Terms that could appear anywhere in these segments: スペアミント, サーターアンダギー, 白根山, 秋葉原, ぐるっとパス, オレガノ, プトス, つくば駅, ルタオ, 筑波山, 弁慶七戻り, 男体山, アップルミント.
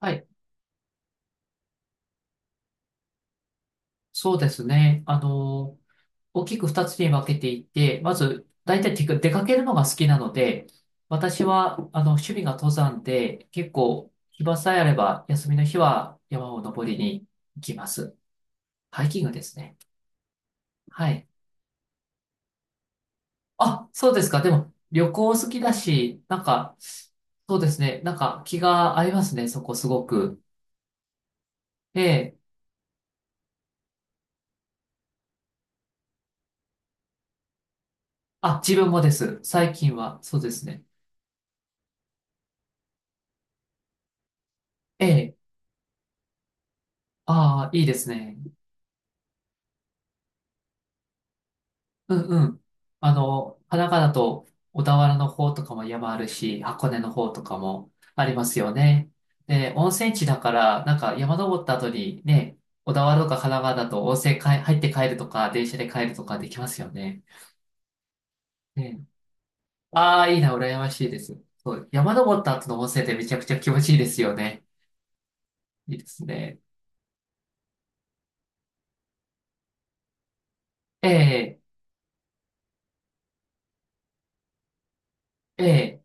はい、そうですね。大きく二つに分けていて、まず、大体てか出かけるのが好きなので、私は、趣味が登山で、結構、暇さえあれば、休みの日は山を登りに行きます。ハイキングですね。はい。あ、そうですか。でも、旅行好きだし、なんか、そうですね。なんか、気が合いますね。そこ、すごく。ええ。あ、自分もです。最近は、そうですね。ええ。ああ、いいですね。うんうん。あの、神奈川だと小田原の方とかも山あるし、箱根の方とかもありますよね。で、温泉地だから、なんか山登った後にね、小田原とか神奈川だと温泉かい入って帰るとか、電車で帰るとかできますよね。ね。ああ、いいな、羨ましいです。そう、山登った後の温泉ってめちゃくちゃ気持ちいいですよね。いいですね。ええ、ええ、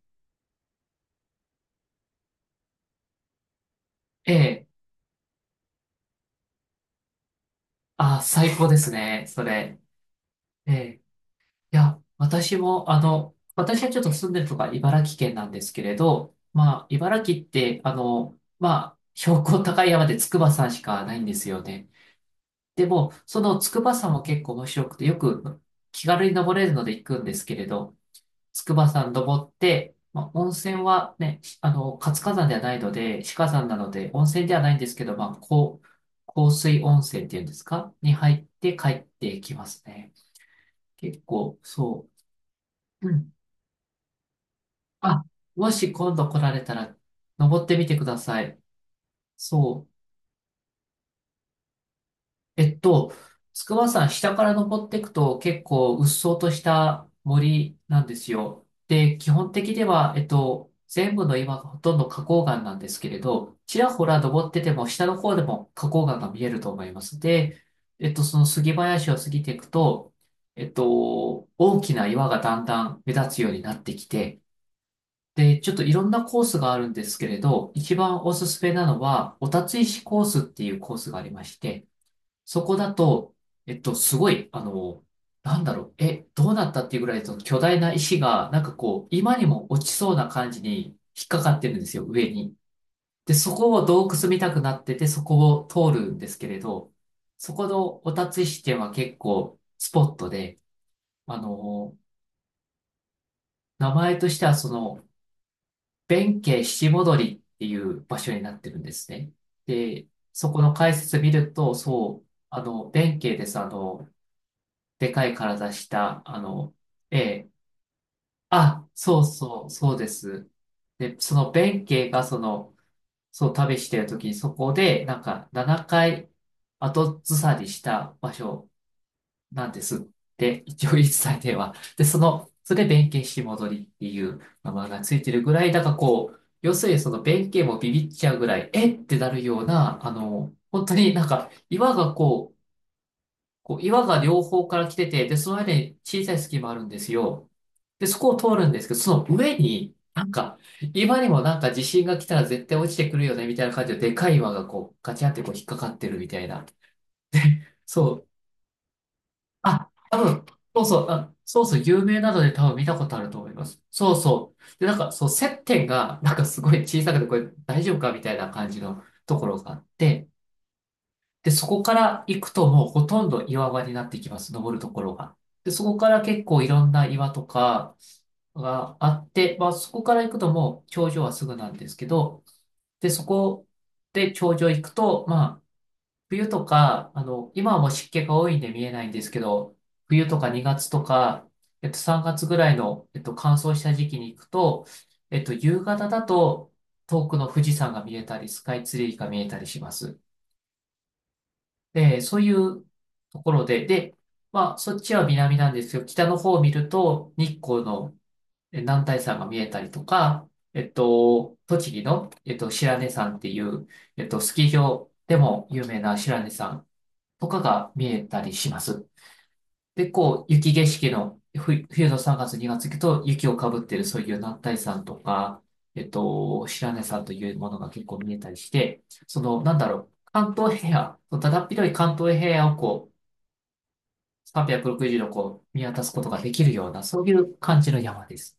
ええ、ああ、最高ですね、それ。ええ、いや、私も、私はちょっと住んでるとか茨城県なんですけれど、まあ、茨城って、まあ、標高高い山で筑波山しかないんですよね。でも、その筑波山も結構面白くて、よく気軽に登れるので行くんですけれど、筑波山登って、まあ、温泉はね、活火山ではないので、死火山なので、温泉ではないんですけど、まあ、こう、香水温泉っていうんですかに入って帰ってきますね。結構、そう。うん。あ、もし今度来られたら、登ってみてください。そう。えっと、筑波山下から登っていくと結構うっそうとした森なんですよ。で、基本的には、全部の岩がほとんど花崗岩なんですけれど、ちらほら登ってても下の方でも花崗岩が見えると思います。で、その杉林を過ぎていくと、大きな岩がだんだん目立つようになってきて、で、ちょっといろんなコースがあるんですけれど、一番おすすめなのは、お立ち石コースっていうコースがありまして、そこだと、すごい、なんだろう、え、どうなったっていうぐらい、その巨大な石が、なんかこう、今にも落ちそうな感じに引っかかってるんですよ、上に。で、そこを洞窟見たくなってて、そこを通るんですけれど、そこのお立ち石っていうのは結構スポットで、あの、名前としてはその、弁慶七戻りっていう場所になってるんですね。で、そこの解説見ると、そう、弁慶です。でかい体した、ええ、あ、そうそう、そうです。で、その弁慶がその、そう旅してる時にそこで、なんか7回後ずさりした場所なんですって、一応言い伝えては。で、その、それで弁慶し戻りっていう名前がついてるぐらい、だからこう、要するにその弁慶もビビっちゃうぐらい、えってなるような、本当になんか岩がこう、こう岩が両方から来てて、で、その間に小さい隙間あるんですよ。で、そこを通るんですけど、その上に、なんか、岩にもなんか地震が来たら絶対落ちてくるよね、みたいな感じで、でかい岩がこう、ガチャってこう引っかかってるみたいな。そう、あ、多分、そうそう、あ、そうそう、有名なので多分見たことあると思います。そうそう。で、なんか、そう、接点が、なんかすごい小さくて、これ大丈夫かみたいな感じのところがあって、で、そこから行くともうほとんど岩場になってきます、登るところが。で、そこから結構いろんな岩とかがあって、まあ、そこから行くともう頂上はすぐなんですけど、で、そこで頂上行くと、まあ、冬とか、今はもう湿気が多いんで見えないんですけど、冬とか2月とか、3月ぐらいの、乾燥した時期に行くと、夕方だと遠くの富士山が見えたり、スカイツリーが見えたりします。で、そういうところで、で、まあ、そっちは南なんですよ。北の方を見ると日光のえ男体山が見えたりとか、栃木の、白根山っていう、スキー場でも有名な白根山。とかが見えたりします。で、こう、雪景色の、ふ冬の3月、2月行くと雪をかぶってるそういう男体山とか、白根山というものが結構見えたりして、その、なんだろう、関東平野、だだっ広い関東平野をこう、360度こう、見渡すことができるような、そういう感じの山です。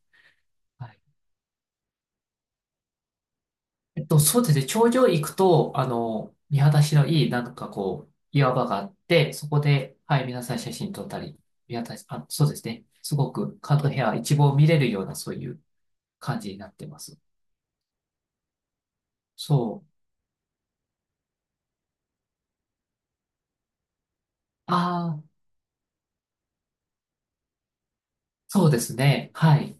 はい。そうですね。頂上行くと、見晴らしのいい、なんかこう、岩場があって、そこで、はい、皆さん写真撮ったり、見渡し、あ、そうですね。すごく、カートヘア一望見れるような、そういう感じになってます。そう。ああ、そうですね。はい。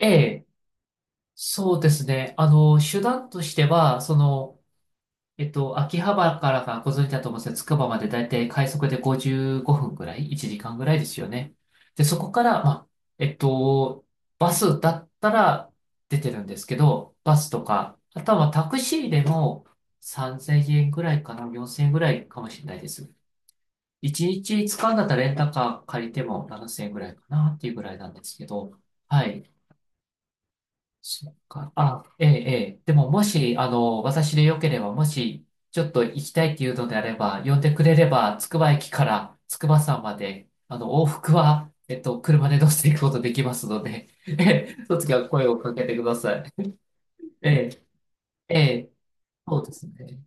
ええ、そうですね。手段としては、その、秋葉原からがご存知だと思うんですつくばまでだいたい快速で55分ぐらい ?1 時間ぐらいですよね。で、そこから、まあ、えっと、バスだったら出てるんですけど、バスとか、あとはまあタクシーでも3000円ぐらいかな、4000円ぐらいかもしれないです。1日使うんだったらレンタカー借りても7000円ぐらいかなっていうぐらいなんですけど、はい。そっか。あ、ええ、ええ。でも、もし、私でよければ、もし、ちょっと行きたいっていうのであれば、呼んでくれれば、つくば駅から筑波山まで、往復は、車で乗せていくことできますので、ええ、その時は声をかけてください。ええ、ええ、そうですね。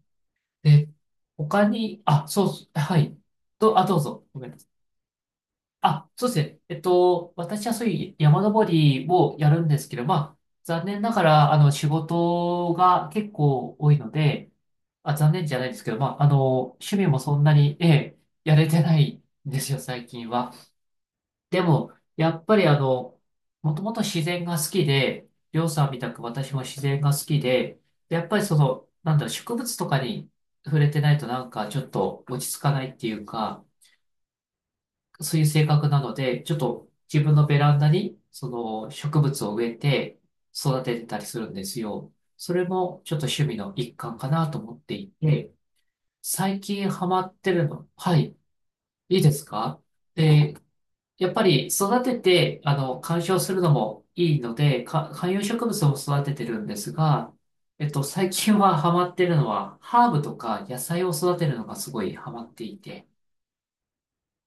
で、他に、あ、そう、はい。ど、あ、どうぞ。ごめんなさい。あ、そうですね。私はそういう山登りをやるんですけど、まあ、残念ながら、仕事が結構多いので、あ、残念じゃないですけど、まあ、趣味もそんなに、ええ、やれてないんですよ、最近は。でも、やっぱりあの、もともと自然が好きで、りょうさんみたく私も自然が好きで、でやっぱりその、なんだろう、植物とかに触れてないとなんかちょっと落ち着かないっていうか、そういう性格なので、ちょっと自分のベランダに、その植物を植えて育ててたりするんですよ。それもちょっと趣味の一環かなと思っていて、最近ハマってるの、はい、いいですか。で、やっぱり育てて、観賞するのもいいので、か観葉植物も育ててるんですが、最近はハマってるのは、ハーブとか野菜を育てるのがすごいハマっていて、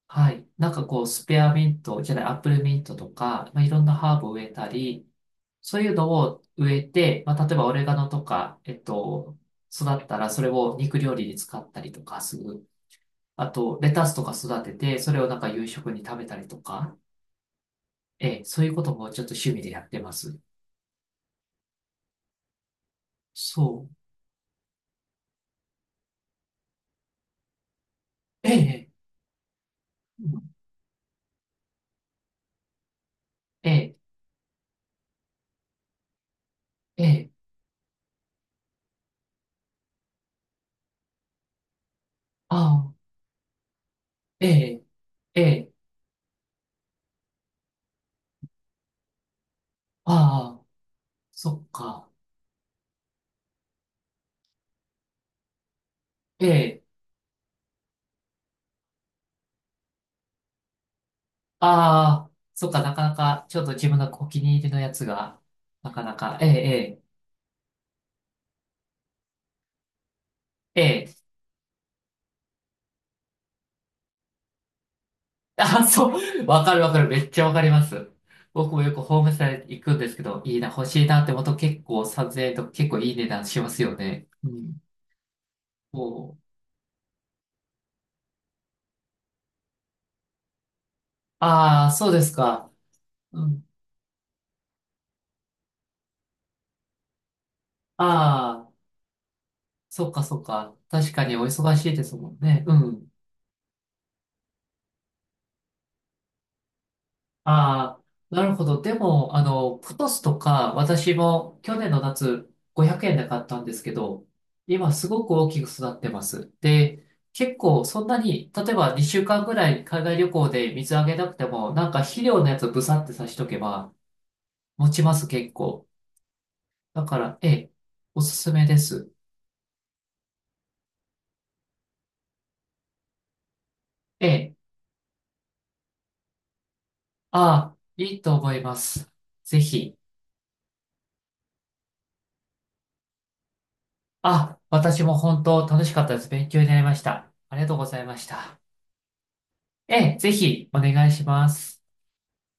はい。なんかこう、スペアミントじゃない、アップルミントとか、まあ、いろんなハーブを植えたり、そういうのを植えて、まあ、例えばオレガノとか、育ったらそれを肉料理に使ったりとかする。あと、レタスとか育てて、それをなんか夕食に食べたりとか、ええ、そういうこともちょっと趣味でやってます。そう。ええ、ええ、ええ、ああ、ええ、ええ、ああ、そっか。ええ、ああ、そっか、なかなか、ちょっと自分のお気に入りのやつが、なかなか、ええ、ええ、ええ。あ、そう、わかるわかる、めっちゃわかります。僕もよくホームセター行くんですけど、いいな、欲しいなって思うと結構撮影と結構いい値段しますよね。うん。こう。ああ、そうですか。うん。ああ、そっかそっか。確かにお忙しいですもんね。うん。ああ、なるほど。でも、プトスとか、私も去年の夏500円で買ったんですけど、今すごく大きく育ってます。で、結構そんなに、例えば2週間ぐらい海外旅行で水あげなくても、なんか肥料のやつブサってさしとけば持ちます結構。だから、ええ、おすすめです。ええ、ああ、いいと思います。ぜひ。あ、私も本当楽しかったです。勉強になりました。ありがとうございました。ええ、ぜひお願いします。